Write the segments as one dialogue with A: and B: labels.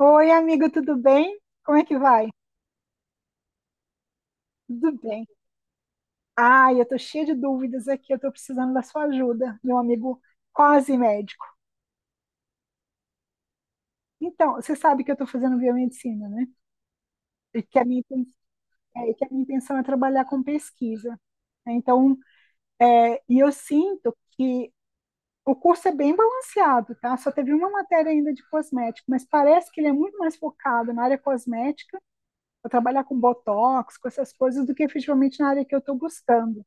A: Oi, amigo, tudo bem? Como é que vai? Tudo bem. Ai, eu tô cheia de dúvidas aqui, eu tô precisando da sua ajuda, meu amigo quase médico. Então, você sabe que eu tô fazendo biomedicina, né? E que a minha, que a minha intenção é trabalhar com pesquisa. Né? Então, e eu sinto que o curso é bem balanceado, tá? Só teve uma matéria ainda de cosmético, mas parece que ele é muito mais focado na área cosmética, para trabalhar com botox, com essas coisas, do que efetivamente na área que eu tô buscando.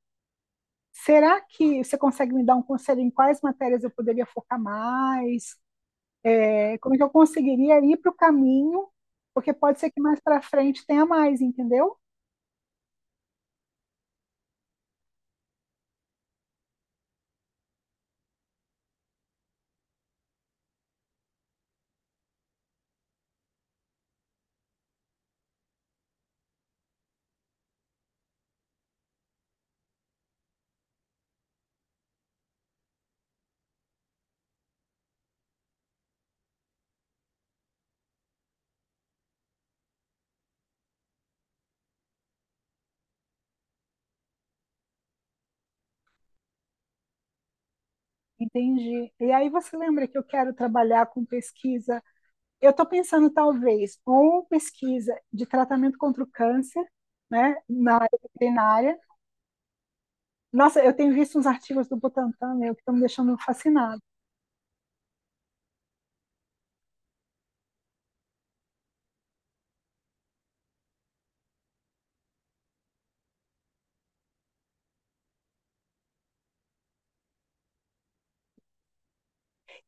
A: Será que você consegue me dar um conselho em quais matérias eu poderia focar mais? Como é que eu conseguiria ir para o caminho? Porque pode ser que mais para frente tenha mais, entendeu? Entendi. E aí você lembra que eu quero trabalhar com pesquisa? Eu estou pensando talvez ou pesquisa de tratamento contra o câncer, né, na área veterinária. Nossa, eu tenho visto uns artigos do Butantan, meu, que estão me deixando fascinada.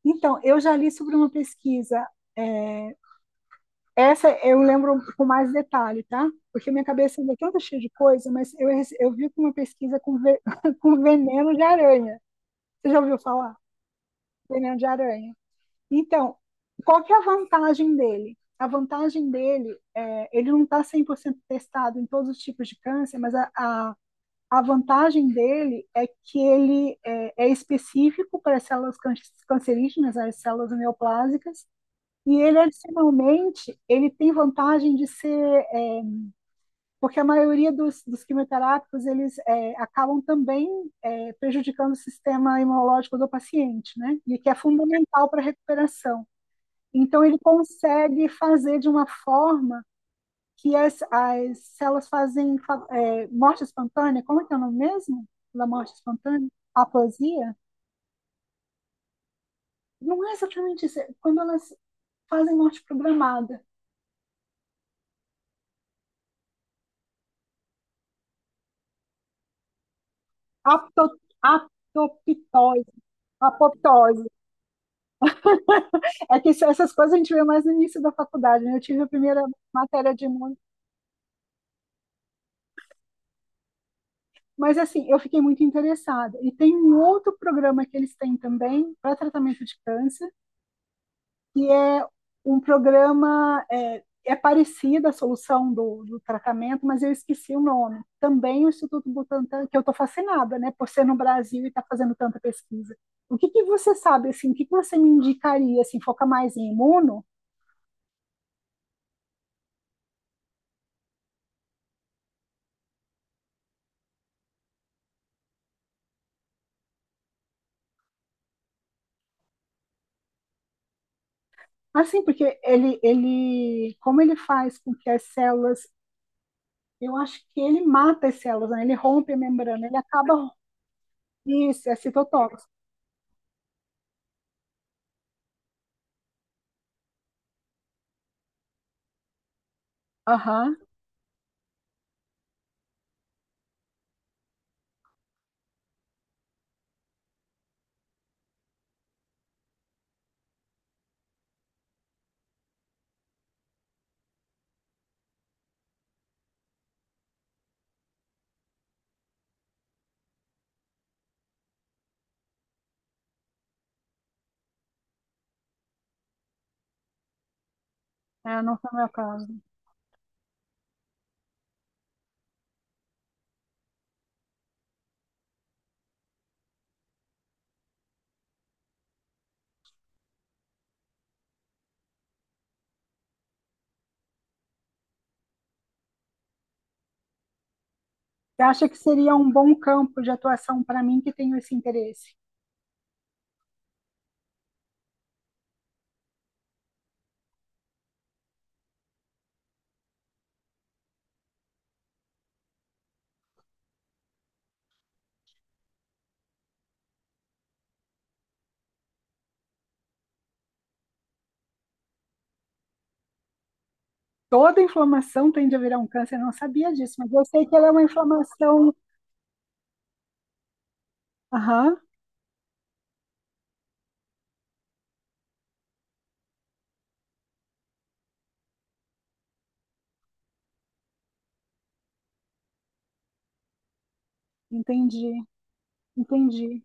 A: Então, eu já li sobre uma pesquisa é, Essa eu lembro com mais detalhe, tá? Porque minha cabeça ainda é toda cheia de coisa, mas eu vi uma pesquisa com veneno de aranha. Você já ouviu falar? Veneno de aranha. Então, qual que é a vantagem dele? A vantagem dele é, ele não está 100% testado em todos os tipos de câncer, mas a vantagem dele é que ele é específico para as células cancerígenas, as células neoplásicas, e ele, adicionalmente, ele tem vantagem de ser, porque a maioria dos quimioterápicos, eles acabam também prejudicando o sistema imunológico do paciente, né? E que é fundamental para a recuperação. Então, ele consegue fazer de uma forma que as células fazem morte espontânea, como é que é o nome mesmo da morte espontânea? Aplasia? Não é exatamente isso, é quando elas fazem morte programada. Apto, apto apoptose. Apoptose. É que essas coisas a gente vê mais no início da faculdade, né? Eu tive a primeira matéria de imuno, mas assim, eu fiquei muito interessada. E tem um outro programa que eles têm também para tratamento de câncer, que é um programa, é parecido à solução do tratamento, mas eu esqueci o nome. Também o Instituto Butantan, que eu estou fascinada, né, por ser no Brasil e estar fazendo tanta pesquisa. O que que você sabe, assim, o que que você me indicaria, assim, foca mais em imuno? Assim, porque como ele faz com que as células, eu acho que ele mata as células, né? Ele rompe a membrana, ele acaba. Isso, é citotóxico. Aham, não foi o meu caso. Você acha que seria um bom campo de atuação para mim que tenho esse interesse? Toda inflamação tende a virar um câncer, eu não sabia disso, mas eu sei que ela é uma inflamação. Aham, entendi, entendi,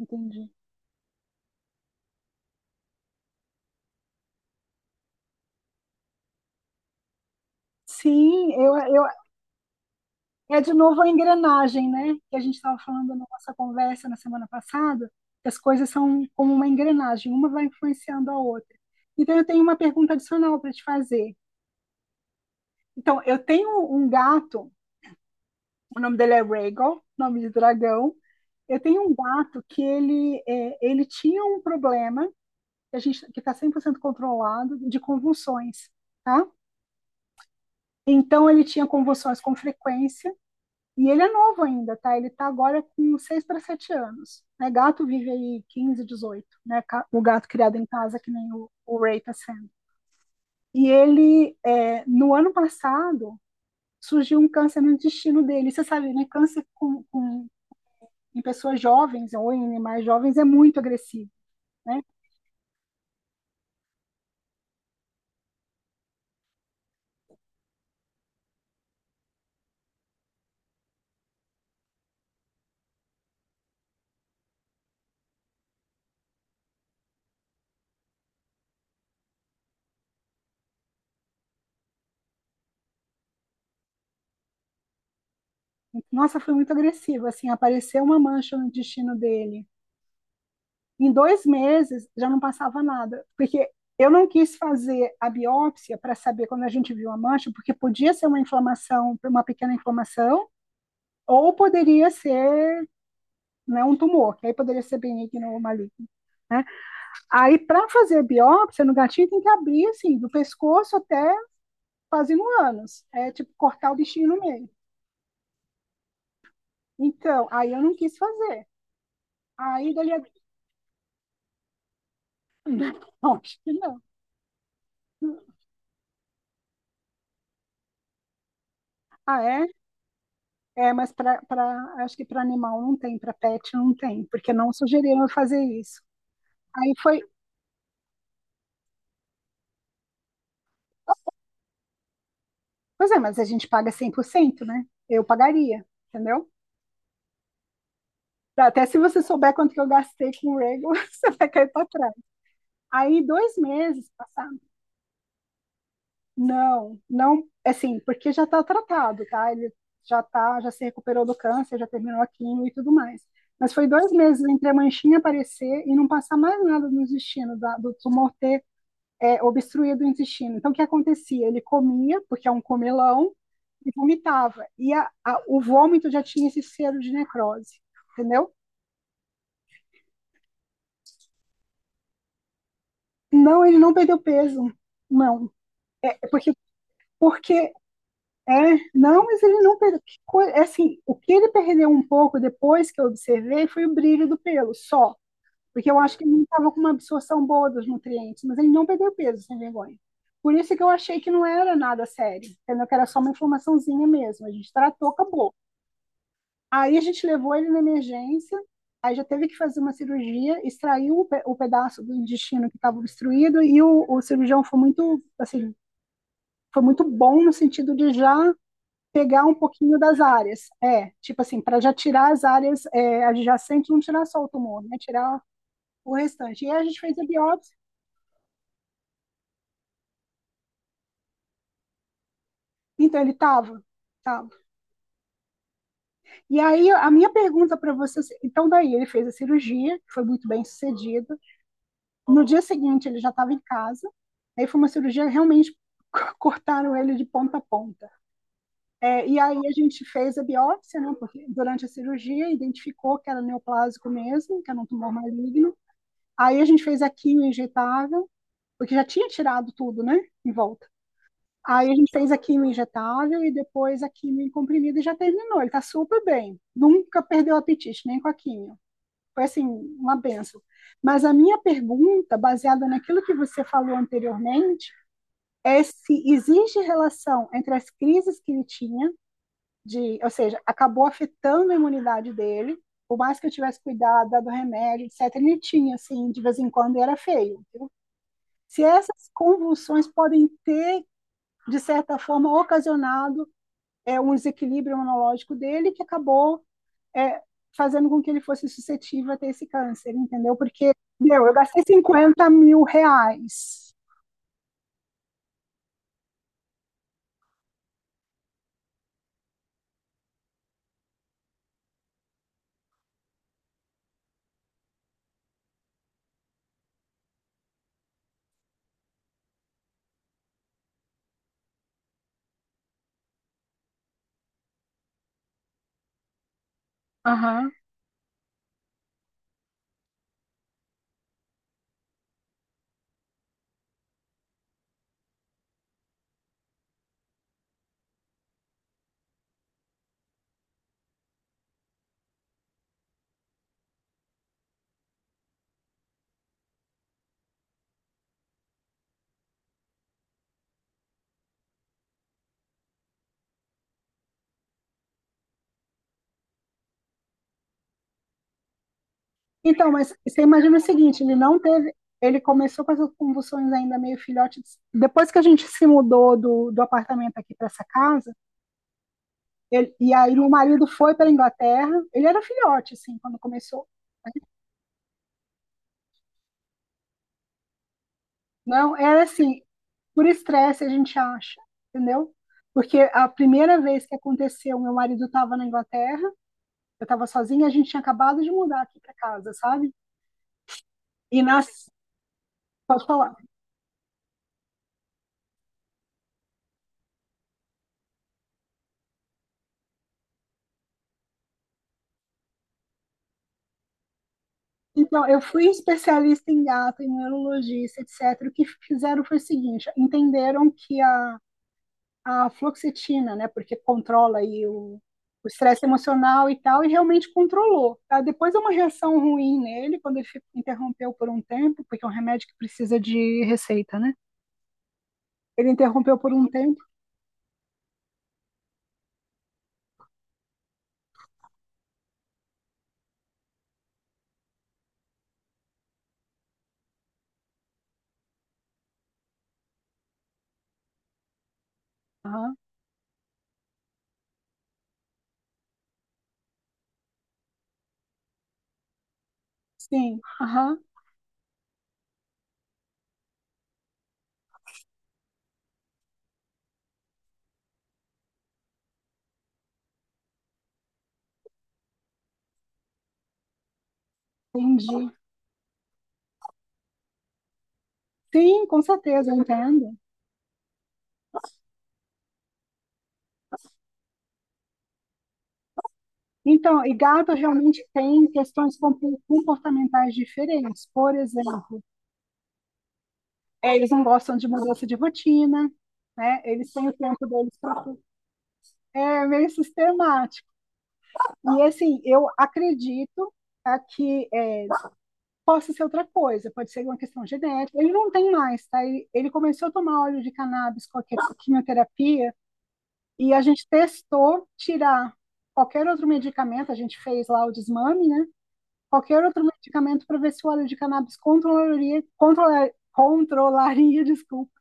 A: entendi. Sim, eu é de novo a engrenagem, né? Que a gente estava falando na nossa conversa na semana passada, que as coisas são como uma engrenagem, uma vai influenciando a outra. Então, eu tenho uma pergunta adicional para te fazer. Então, eu tenho um gato, o nome dele é Rhaegal, nome de dragão. Eu tenho um gato que ele tinha um problema, que a gente, que está 100% controlado, de convulsões, tá? Então, ele tinha convulsões com frequência. E ele é novo ainda, tá? Ele tá agora com 6 para 7 anos. Né? Gato vive aí 15, 18, né? O gato criado em casa, que nem o Ray tá sendo. E ele, no ano passado, surgiu um câncer no intestino dele. Você sabe, né? Câncer em pessoas jovens ou em animais jovens é muito agressivo. Né? Nossa, foi muito agressivo. Assim, apareceu uma mancha no intestino dele. Em 2 meses já não passava nada, porque eu não quis fazer a biópsia para saber quando a gente viu a mancha, porque podia ser uma inflamação, uma pequena inflamação, ou poderia ser, né, um tumor, que aí poderia ser benigno ou maligno. Né? Aí, para fazer biópsia no gatinho, tem que abrir assim, do pescoço até quase no ânus. É tipo cortar o bichinho no meio. Então, aí eu não quis fazer. Aí dali a. Não, acho que não. Ah, é? É, mas para, acho que para animal não tem, para pet não tem, porque não sugeriram eu fazer isso. Aí foi, pois é, mas a gente paga 100%, né? Eu pagaria, entendeu? Até se você souber quanto que eu gastei com o Rego, você vai cair para trás. Aí 2 meses passaram. Não, não, assim, porque já está tratado, tá? Ele já tá, já se recuperou do câncer, já terminou a quimio e tudo mais. Mas foi 2 meses entre a manchinha aparecer e não passar mais nada nos destinos do tumor ter obstruído o intestino. Então, o que acontecia? Ele comia, porque é um comelão, e vomitava. E o vômito já tinha esse cheiro de necrose, entendeu? Não, ele não perdeu peso, não. É é porque, porque é, não, mas ele não perdeu. É assim, o que ele perdeu um pouco depois que eu observei foi o brilho do pelo, só. Porque eu acho que ele não estava com uma absorção boa dos nutrientes, mas ele não perdeu peso sem vergonha. Por isso que eu achei que não era nada sério, entendeu? Que era só uma inflamaçãozinha mesmo. A gente tratou, acabou. Aí a gente levou ele na emergência, aí já teve que fazer uma cirurgia, extraiu o pedaço do intestino que estava obstruído e o cirurgião foi muito, assim, foi muito bom no sentido de já pegar um pouquinho das áreas. É, tipo assim, para já tirar as áreas adjacentes, não tirar só o tumor, né? Tirar o restante. E aí a gente fez a biópsia. Então ele estava. Tava. E aí a minha pergunta para você, então daí ele fez a cirurgia, que foi muito bem sucedida. No dia seguinte ele já estava em casa. Aí foi uma cirurgia realmente cortaram ele de ponta a ponta. É, e aí a gente fez a biópsia, né, porque durante a cirurgia identificou que era neoplásico mesmo, que era um tumor maligno. Aí a gente fez a quimio injetável, porque já tinha tirado tudo, né, em volta. Aí a gente fez a quimio injetável e depois a quimio em comprimido e já terminou. Ele está super bem. Nunca perdeu o apetite, nem com a quimio. Foi assim, uma benção. Mas a minha pergunta, baseada naquilo que você falou anteriormente, é se existe relação entre as crises que ele tinha, de, ou seja, acabou afetando a imunidade dele, por mais que eu tivesse cuidado, dado remédio, etc., ele tinha, assim, de vez em quando e era feio. Se essas convulsões podem ter, de certa forma, ocasionado um desequilíbrio imunológico dele que acabou é, fazendo com que ele fosse suscetível a ter esse câncer, entendeu? Porque, meu, eu gastei R$ 50.000. Aham. Então, mas você imagina o seguinte, ele não teve, ele começou com essas convulsões ainda meio filhote. Depois que a gente se mudou do apartamento aqui para essa casa, ele- e aí o marido foi para a Inglaterra, ele era filhote, assim, quando começou. Não, era assim, por estresse a gente acha, entendeu? Porque a primeira vez que aconteceu, meu marido estava na Inglaterra, eu estava sozinha, a gente tinha acabado de mudar aqui para casa, sabe? E nas... Pode falar. Então, eu fui especialista em gato, em neurologista, etc. O que fizeram foi o seguinte, entenderam que a fluoxetina, né? Porque controla aí o estresse emocional e tal, e realmente controlou. Tá? Depois é uma reação ruim nele, quando ele fico, interrompeu por um tempo, porque é um remédio que precisa de receita, né? Ele interrompeu por um tempo. Aham, sim, aham, entendi. Sim, com certeza, eu entendo. Então, e gato realmente tem questões comportamentais diferentes. Por exemplo, eles não gostam de mudança de rotina, né? Eles têm o tempo deles para é meio sistemático. E assim, eu acredito tá, possa ser outra coisa, pode ser uma questão genética. Ele não tem mais, tá? Ele começou a tomar óleo de cannabis com a quimioterapia e a gente testou tirar qualquer outro medicamento, a gente fez lá o desmame, né? Qualquer outro medicamento para ver se o óleo de cannabis controlaria, controlaria, desculpa,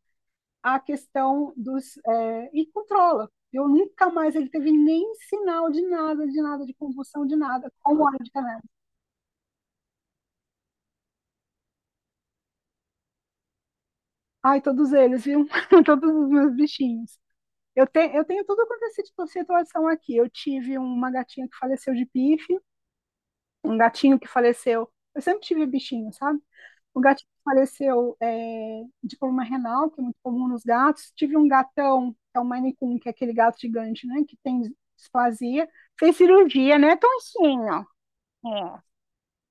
A: a questão dos. E controla. Eu nunca mais ele teve nem sinal de nada, de nada, de convulsão, de nada, com o óleo de cannabis. Ai, todos eles, viu? Todos os meus bichinhos. Eu tenho tudo quanto é situação aqui. Eu tive uma gatinha que faleceu de pife, um gatinho que faleceu. Eu sempre tive bichinho, sabe? Um gatinho que faleceu, de problema renal, que é muito comum nos gatos. Tive um gatão, que é o Maine Coon, que é aquele gato gigante, né? Que tem displasia. Fez cirurgia, né? Toncinho. É.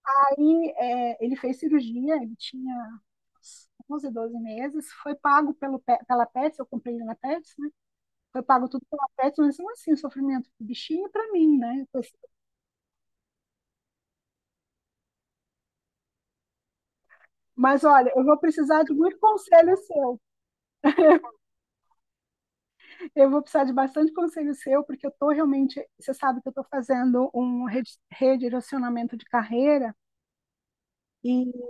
A: Aí, ele fez cirurgia, ele tinha uns 11, 12 meses, foi pago pela Pets, eu comprei ele na Pets. Foi pago tudo pela Pets, mas não assim, o sofrimento do bichinho é para mim, né? Mas olha, eu vou precisar de muito conselho seu. Eu vou precisar de bastante conselho seu, porque eu estou realmente, você sabe que eu estou fazendo um redirecionamento de carreira e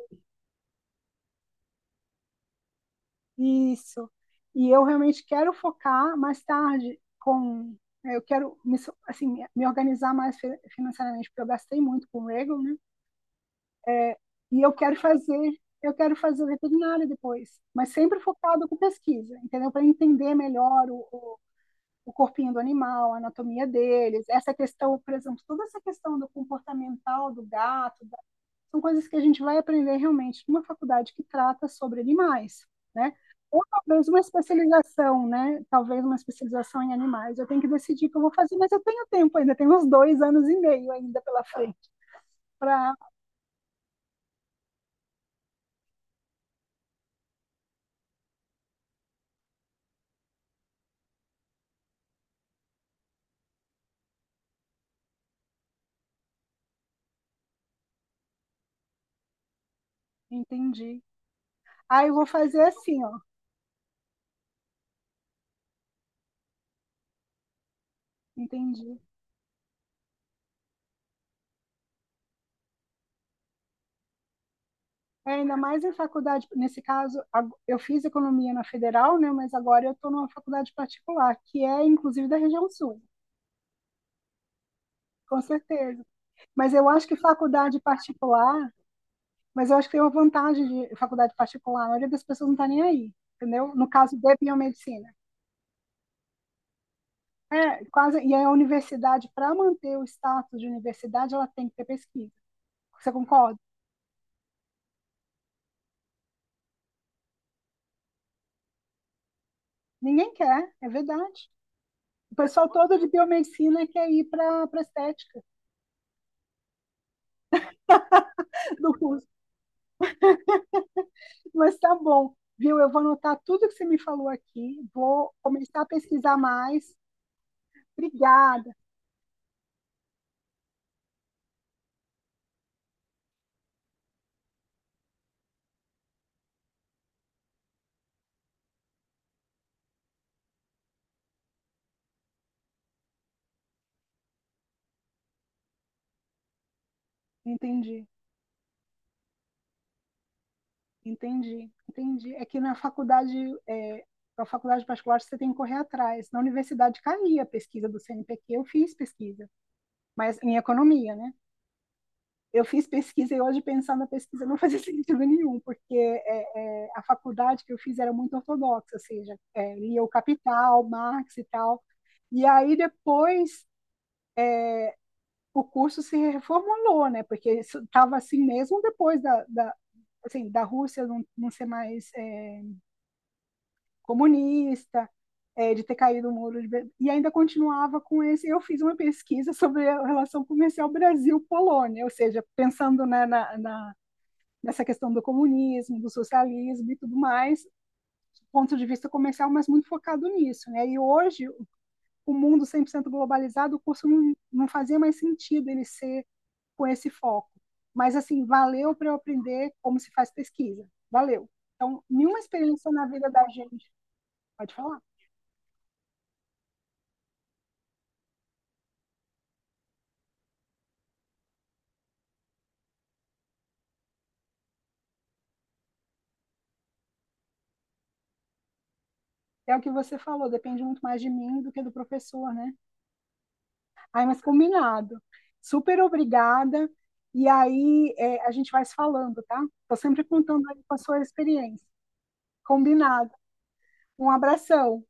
A: isso. E eu realmente quero focar mais tarde com eu quero me, assim, me organizar mais financeiramente, porque eu gastei muito com o Regal, né? É. E eu quero fazer veterinária depois, mas sempre focado com pesquisa, entendeu? Para entender melhor o, o corpinho do animal, a anatomia deles, essa questão, por exemplo, toda essa questão do comportamental do gato, são coisas que a gente vai aprender realmente numa faculdade que trata sobre animais, né? Ou talvez uma especialização, né? Talvez uma especialização em animais. Eu tenho que decidir o que eu vou fazer, mas eu tenho tempo ainda, tenho uns dois anos e meio ainda pela frente para entender. Aí eu vou fazer assim, ó. Entendi. É, ainda mais em faculdade, nesse caso, eu fiz economia na federal, né? Mas agora eu estou numa faculdade particular, que é inclusive da região sul, com certeza. Mas eu acho que faculdade particular, mas eu acho que tem uma vantagem de faculdade particular, a maioria das pessoas não está nem aí, entendeu? No caso de biomedicina. É, quase, e aí a universidade, para manter o status de universidade, ela tem que ter pesquisa. Você concorda? Ninguém quer, é verdade. O pessoal todo de biomedicina quer ir para a estética do curso. Mas tá bom, viu? Eu vou anotar tudo que você me falou aqui, vou começar a pesquisar mais. Obrigada. Entendi, entendi, entendi. É que na faculdade, é, na faculdade particular, você tem que correr atrás. Na universidade caía a pesquisa do CNPq, eu fiz pesquisa, mas em economia, né? Eu fiz pesquisa e hoje pensar na pesquisa não fazia sentido nenhum, porque a faculdade que eu fiz era muito ortodoxa, ou seja, lia o Capital, Marx e tal. E aí depois o curso se reformulou, né? Porque estava assim mesmo depois da, assim, da Rússia não ser mais comunista, de ter caído o muro de Berlim, e ainda continuava com esse. Eu fiz uma pesquisa sobre a relação comercial Brasil-Polônia, ou seja, pensando, né, na, nessa questão do comunismo, do socialismo e tudo mais, do ponto de vista comercial, mas muito focado nisso. Né? E hoje, o mundo 100% globalizado, o curso não fazia mais sentido ele ser com esse foco. Mas, assim, valeu para eu aprender como se faz pesquisa. Valeu. Então, nenhuma experiência na vida da gente, pode falar, é o que você falou, depende muito mais de mim do que do professor, né? Ai, mas combinado. Super obrigada. E aí, a gente vai se falando, tá? Tô sempre contando aí com a sua experiência. Combinado. Um abração.